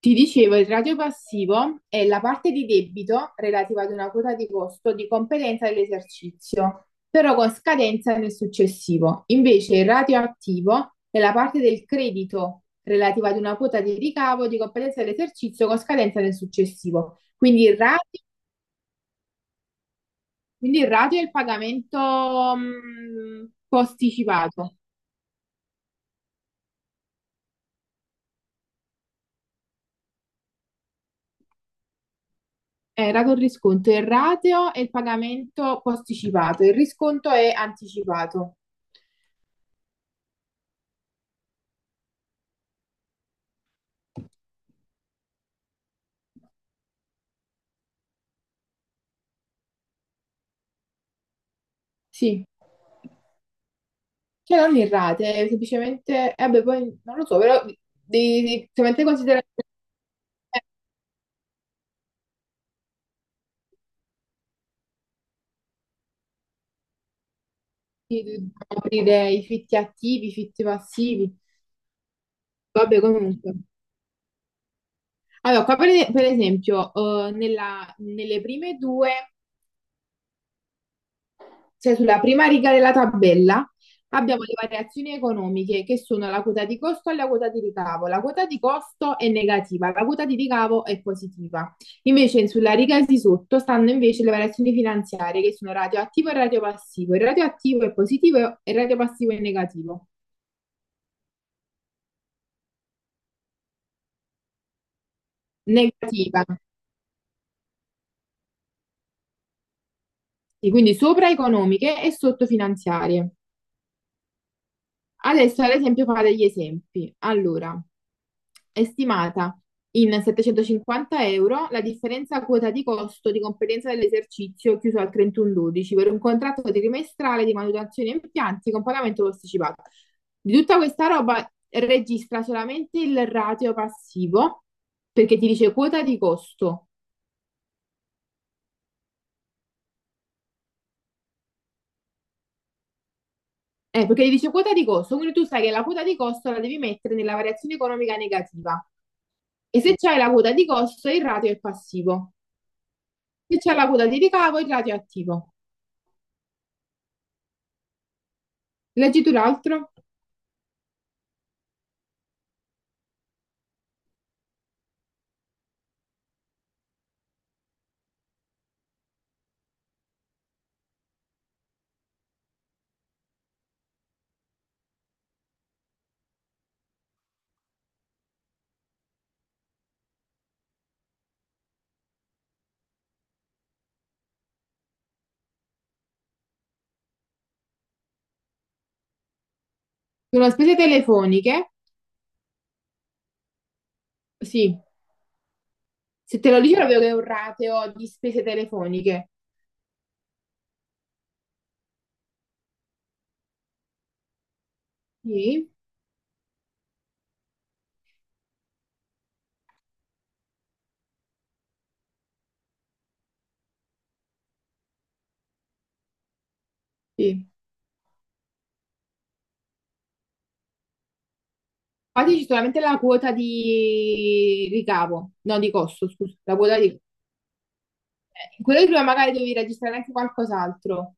Ti dicevo, il ratio passivo è la parte di debito relativa ad una quota di costo di competenza dell'esercizio, però con scadenza nel successivo. Invece il ratio attivo è la parte del credito relativa ad una quota di ricavo di competenza dell'esercizio con scadenza nel successivo. Quindi il ratio è il pagamento posticipato. Rato il risconto, il ratio è il pagamento posticipato, il risconto è anticipato. Sì. Cioè, non irrate, semplicemente, eh beh, poi non lo so, però devi semplicemente considerare di aprire i fitti attivi, i fitti passivi, vabbè, comunque. Allora, qua per esempio, nelle prime due. Cioè sulla prima riga della tabella abbiamo le variazioni economiche che sono la quota di costo e la quota di ricavo. La quota di costo è negativa, la quota di ricavo è positiva. Invece sulla riga di sotto stanno invece le variazioni finanziarie che sono radioattivo e radiopassivo. Il radioattivo è positivo e il radiopassivo è negativo. Negativa. Sì, quindi sopra economiche e sotto finanziarie. Adesso, ad esempio, fa degli esempi. Allora, è stimata in 750 euro la differenza quota di costo di competenza dell'esercizio chiuso al 31/12 per un contratto trimestrale di manutenzione impianti con pagamento posticipato. Di tutta questa roba registra solamente il ratio passivo perché ti dice quota di costo. Perché gli dice quota di costo, quindi tu sai che la quota di costo la devi mettere nella variazione economica negativa. E se c'hai la quota di costo, il ratio è passivo. Se c'è la quota di ricavo, il ratio è attivo. Leggi tu l'altro? Sono spese telefoniche? Sì. Se te lo dice proprio che è un ratio di spese telefoniche. Sì, sì. Infatti c'è solamente la quota di ricavo, no, di costo, scusa. La quota di... Quello che prima magari devi registrare anche qualcos'altro.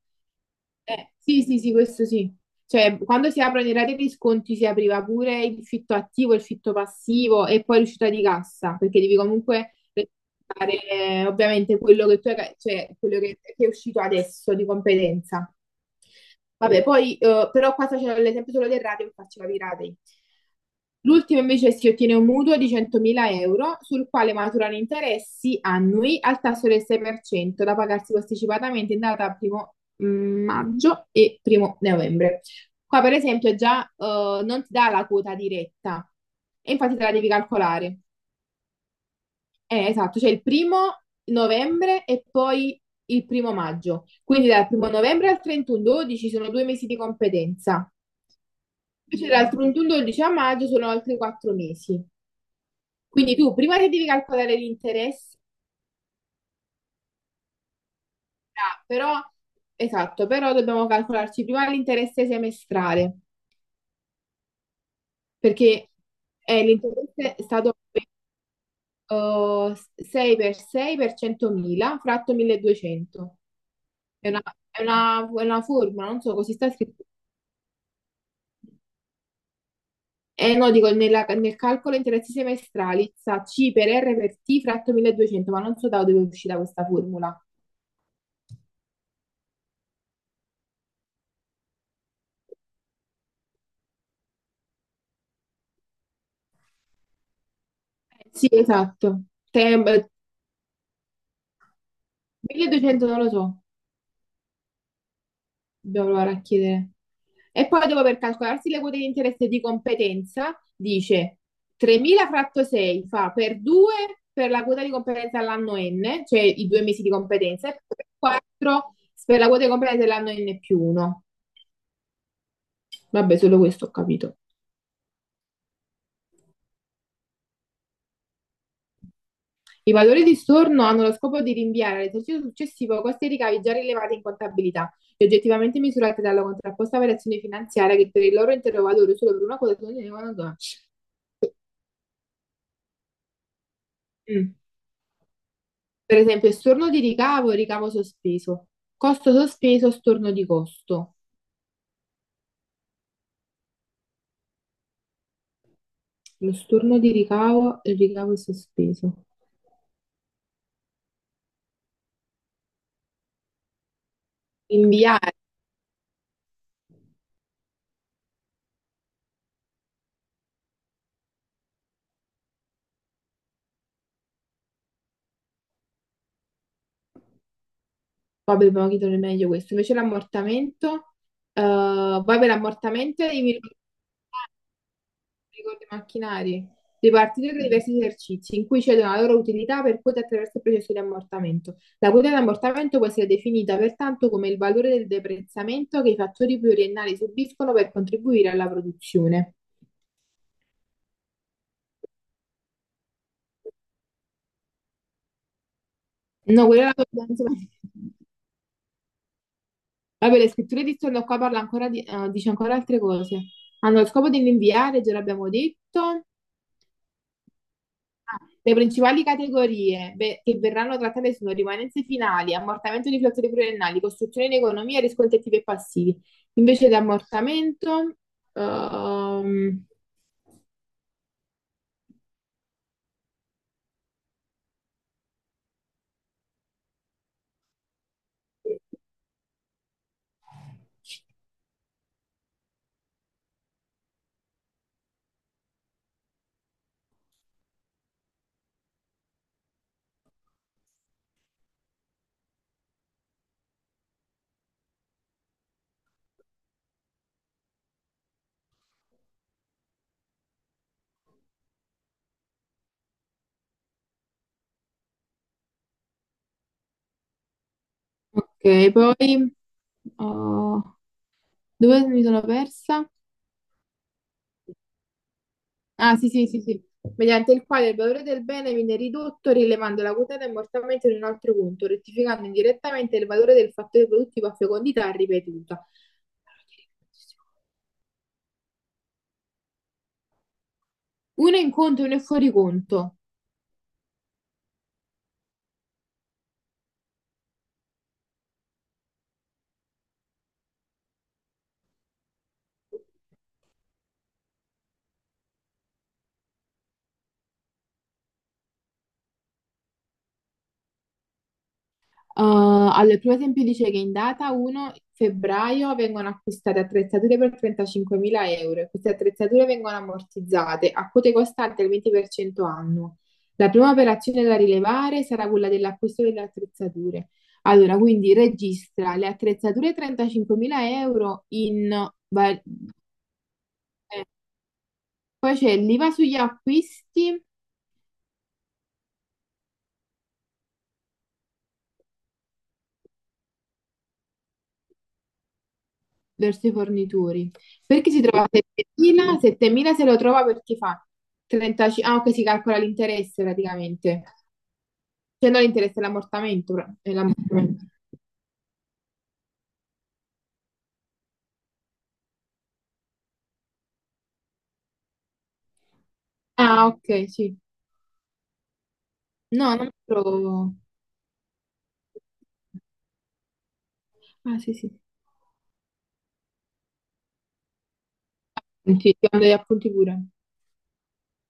Sì, sì, sì, questo sì. Cioè, quando si aprono i rate di sconti si apriva pure il fitto attivo, il fitto passivo e poi l'uscita di cassa, perché devi comunque rispettare ovviamente quello che tu hai, cioè quello che è uscito adesso di competenza. Vabbè, poi però qua c'è l'esempio solo del rateo, faccio capire i ratei. L'ultimo invece si ottiene un mutuo di 100.000 euro sul quale maturano interessi annui al tasso del 6% da pagarsi posticipatamente in data maggio e primo novembre. Qua, per esempio, già non ti dà la quota diretta e infatti te la devi calcolare. Esatto, cioè il primo novembre e poi il primo maggio. Quindi dal primo novembre al 31/12 sono 2 mesi di competenza. Invece dal 31/12 a maggio sono altri 4 mesi. Quindi tu prima che devi calcolare l'interesse, ah, però, esatto, però dobbiamo calcolarci prima l'interesse semestrale. Perché l'interesse è stato eh, 6 per 6 per 100.000 fratto 1200. È una, è una formula, non so così sta scritto. Eh no, dico nel calcolo interessi semestrali, sa C per R per T fratto 1200, ma non so da dove è uscita questa formula. Sì, esatto. Tem- 1200 non lo so. Dobbiamo provare a chiedere. E poi dopo per calcolarsi le quote di interesse di competenza, dice 3.000 fratto 6 fa per 2 per la quota di competenza all'anno n, cioè i 2 mesi di competenza, e per 4 per la quota di competenza dell'anno n più 1. Vabbè, solo questo ho capito. I valori di storno hanno lo scopo di rinviare all'esercizio successivo costi e ricavi già rilevati in contabilità e oggettivamente misurati dalla contrapposta variazione finanziaria che per il loro intero valore solo per una quota sono. Per esempio, storno di ricavo e ricavo sospeso. Costo sospeso, storno di costo. Lo storno di ricavo e il ricavo sospeso. Inviare, poi dobbiamo chiedere meglio questo. Invece l'ammortamento, poi per l'ammortamento i ricordi macchinari. Ripartire tra diversi esercizi in cui cedono la loro utilità per quote attraverso il processo di ammortamento. La quota di ammortamento può essere definita pertanto come il valore del deprezzamento che i fattori pluriennali subiscono per contribuire alla produzione. No, quella è la coerenza. Vabbè, le scritture di stanno qua parla ancora dice ancora altre cose. Hanno lo scopo di rinviare, già l'abbiamo detto. Ah, le principali categorie che verranno trattate sono rimanenze finali, ammortamento di flotte pluriennali, costruzione in economia, riscontri attivi e passivi. Invece di ammortamento, ehm, ok, poi oh, dove mi sono persa? Ah, sì, sì, sì, sì. Mediante il quale il valore del bene viene ridotto rilevando la quotata immortalmente in un altro punto, rettificando indirettamente il valore del fattore produttivo a fecondità ripetuta. Uno in conto e uno è fuori conto. Uh, allora, il primo esempio dice che in data 1° febbraio vengono acquistate attrezzature per 35.000 euro e queste attrezzature vengono ammortizzate a quote costanti al 20% annuo. La prima operazione da rilevare sarà quella dell'acquisto delle attrezzature. Allora, quindi registra le attrezzature 35.000 euro in... va- eh, Poi c'è l'IVA sugli acquisti verso i fornitori. Perché si trova a 7.000? 7.000 se lo trova perché fa 35... Ah, ok, si calcola l'interesse praticamente. Cioè non l'interesse, è l'ammortamento. È l'ammortamento. Ah, ok, sì. No, non lo trovo. Ah, sì, sì. Sì, sì, ti mando gli appunti pure.